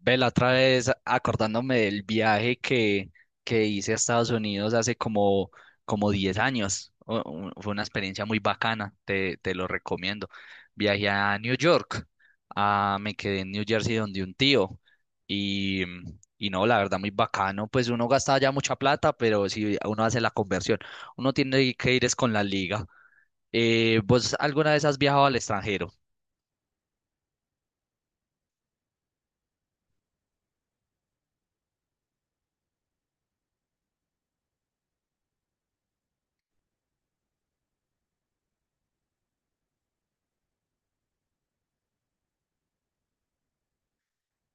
Ve, la otra vez acordándome del viaje que hice a Estados Unidos hace como 10 años. Fue una experiencia muy bacana, te lo recomiendo. Viajé a New York, me quedé en New Jersey donde un tío y, y no, la verdad muy bacano. Pues uno gasta ya mucha plata, pero si uno hace la conversión, uno tiene que ir es con la liga. ¿Vos alguna vez has viajado al extranjero?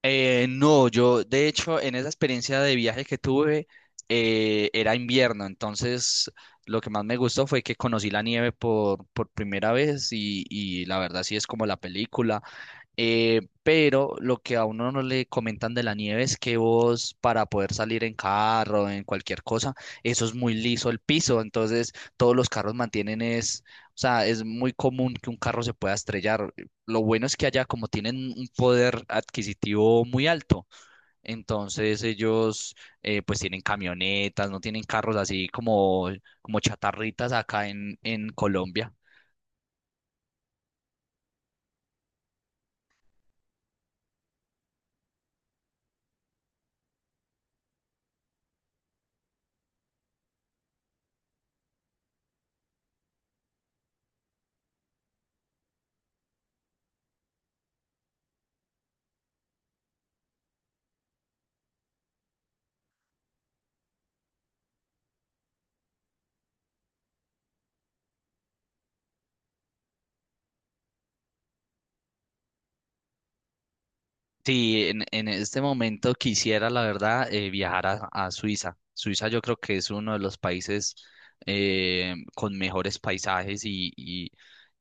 No, yo de hecho en esa experiencia de viaje que tuve era invierno, entonces lo que más me gustó fue que conocí la nieve por primera vez y la verdad sí es como la película. Pero lo que a uno no le comentan de la nieve es que vos, para poder salir en carro, en cualquier cosa, eso es muy liso el piso, entonces todos los carros mantienen es, o sea, es muy común que un carro se pueda estrellar. Lo bueno es que allá, como tienen un poder adquisitivo muy alto, entonces ellos, pues, tienen camionetas, no tienen carros así como chatarritas acá en Colombia. Sí, en este momento quisiera, la verdad, viajar a Suiza. Suiza yo creo que es uno de los países con mejores paisajes y, y,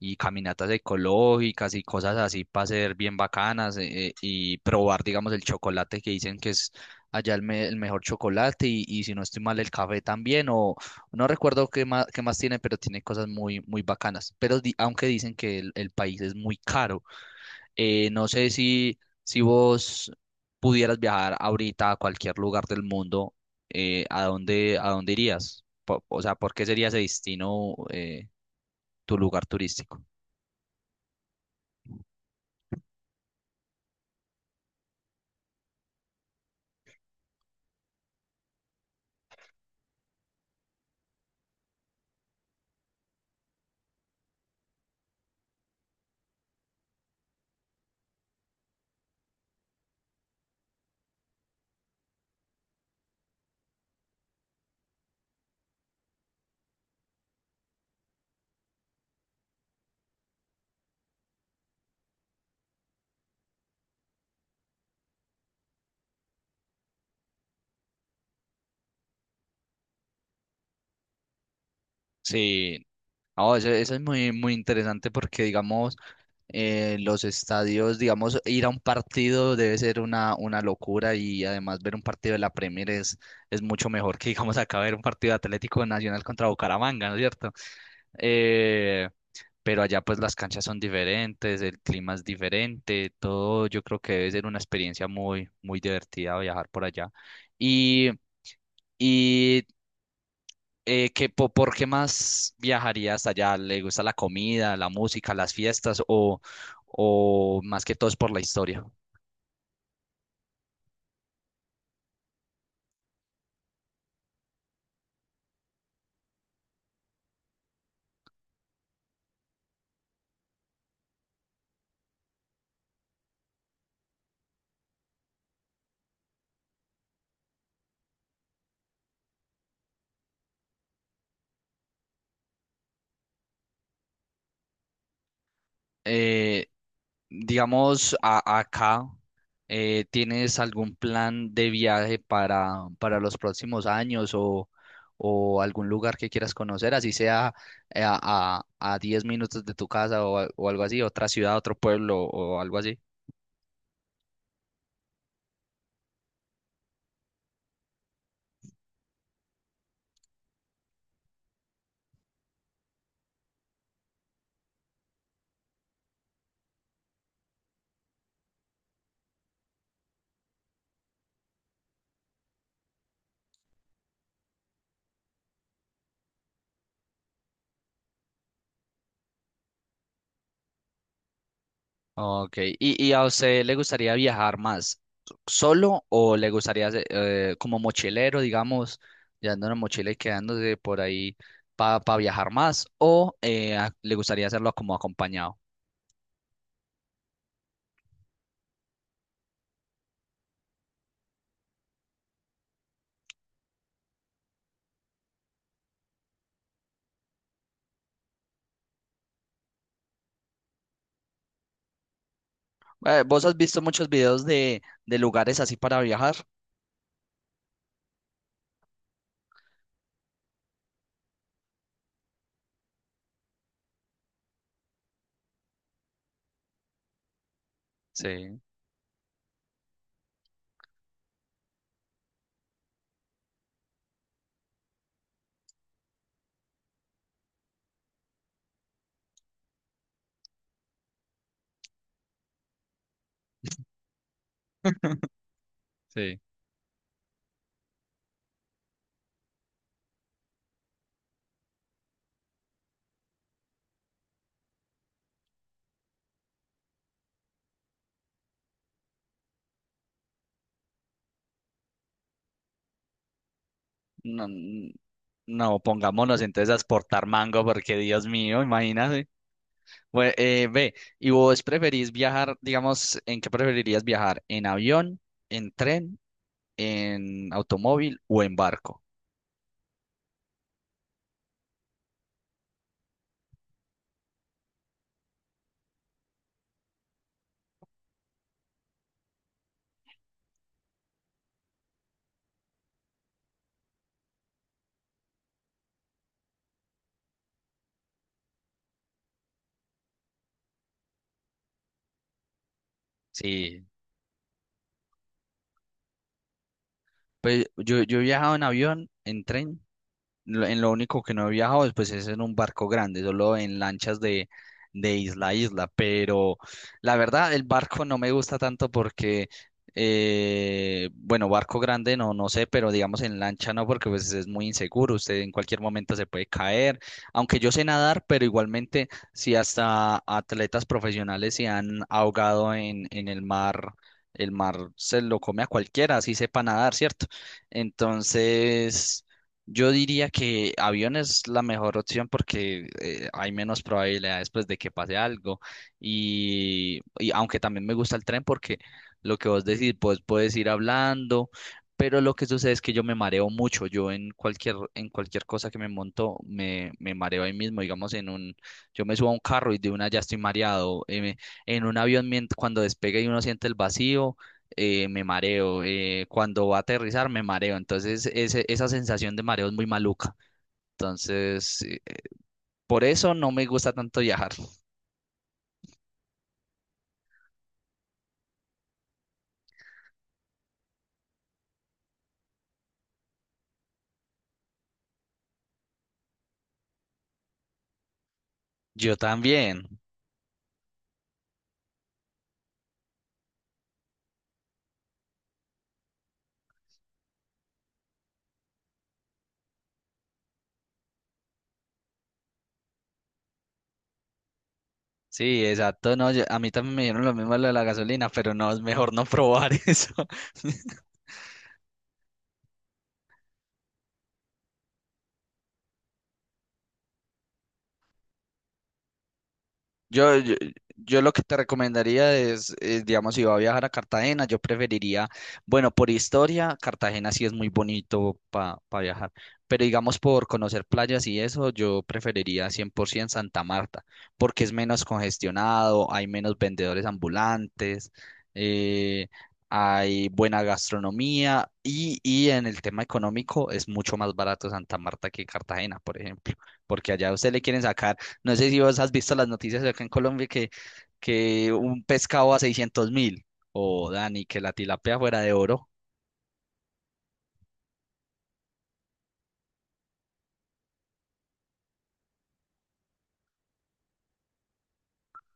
y caminatas ecológicas y cosas así para ser bien bacanas, y probar, digamos, el chocolate que dicen que es allá el mejor chocolate y si no estoy mal el café también, o no recuerdo qué más, tiene, pero tiene cosas muy, muy bacanas. Aunque dicen que el país es muy caro. No sé si, vos pudieras viajar ahorita a cualquier lugar del mundo, ¿a dónde irías? O sea, ¿por qué sería ese destino? ¿Tu lugar turístico? Sí, no, eso, es muy, muy interesante porque, digamos, los estadios, digamos, ir a un partido debe ser una locura, y además ver un partido de la Premier es mucho mejor que, digamos, acá ver un partido de Atlético Nacional contra Bucaramanga, ¿no es cierto? Eh, pero allá, pues, las canchas son diferentes, el clima es diferente, todo, yo creo que debe ser una experiencia muy, muy divertida viajar por allá. Y, y qué más viajaría hasta allá? ¿Le gusta la comida, la música, las fiestas, o, más que todo es por la historia? Eh, digamos, acá, ¿tienes algún plan de viaje para, los próximos años, o algún lugar que quieras conocer, así sea, eh, a, a, a 10 minutos de tu casa, o algo así, otra ciudad, otro pueblo o algo así? Ok, ¿Y a usted le gustaría viajar más solo, o le gustaría, como mochilero, digamos, llevando una mochila y quedándose por ahí para viajar más, o le gustaría hacerlo como acompañado? ¿Vos has visto muchos videos de lugares así para viajar? Sí, sí. No, n- no, pongámonos entonces a exportar mango, porque Dios mío, imagínate. Bueno, ve, ¿y vos preferís viajar, digamos, en qué preferirías viajar? ¿En avión, en tren, en automóvil o en barco? Sí, pues yo he viajado en avión, en tren. En lo único que no he viajado después es en un barco grande, solo en lanchas de isla a isla. Pero la verdad, el barco no me gusta tanto porque, bueno, barco grande no, no sé, pero digamos en lancha no, porque pues es muy inseguro. Usted en cualquier momento se puede caer. Aunque yo sé nadar, pero igualmente, si hasta atletas profesionales se han ahogado en el mar. El mar se lo come a cualquiera, así sepa nadar, ¿cierto? Entonces, yo diría que avión es la mejor opción, porque hay menos probabilidades, pues, de que pase algo. Y aunque también me gusta el tren porque, lo que vos decís, pues puedes ir hablando. Pero lo que sucede es que yo me mareo mucho. Yo en cualquier cosa que me monto, me mareo ahí mismo. Digamos, yo me subo a un carro y de una ya estoy mareado. En un avión, cuando despega y uno siente el vacío, me mareo. Cuando va a aterrizar, me mareo. Entonces, esa sensación de mareo es muy maluca. Entonces, por eso no me gusta tanto viajar. Yo también. Sí, exacto. No, a mí también me dieron lo mismo, lo de la gasolina, pero no, es mejor no probar eso. Yo, yo, yo lo que te recomendaría es, digamos, si va a viajar a Cartagena, yo preferiría, bueno, por historia, Cartagena sí es muy bonito para viajar, pero digamos por conocer playas y eso, yo preferiría 100% Santa Marta, porque es menos congestionado, hay menos vendedores ambulantes, eh, hay buena gastronomía, y en el tema económico es mucho más barato Santa Marta que Cartagena, por ejemplo, porque allá a usted le quieren sacar. No sé si vos has visto las noticias de acá en Colombia que un pescado a 600.000, o Dani, que la tilapia fuera de oro.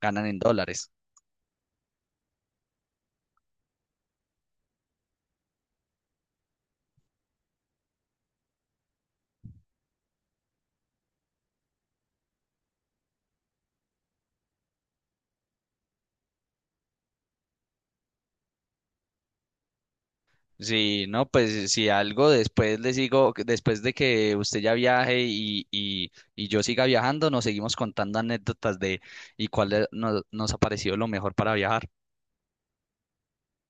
Ganan en dólares. Sí, no, pues, si algo, después les digo, que después de que usted ya viaje y yo siga viajando, nos seguimos contando anécdotas de y cuál nos ha parecido lo mejor para viajar.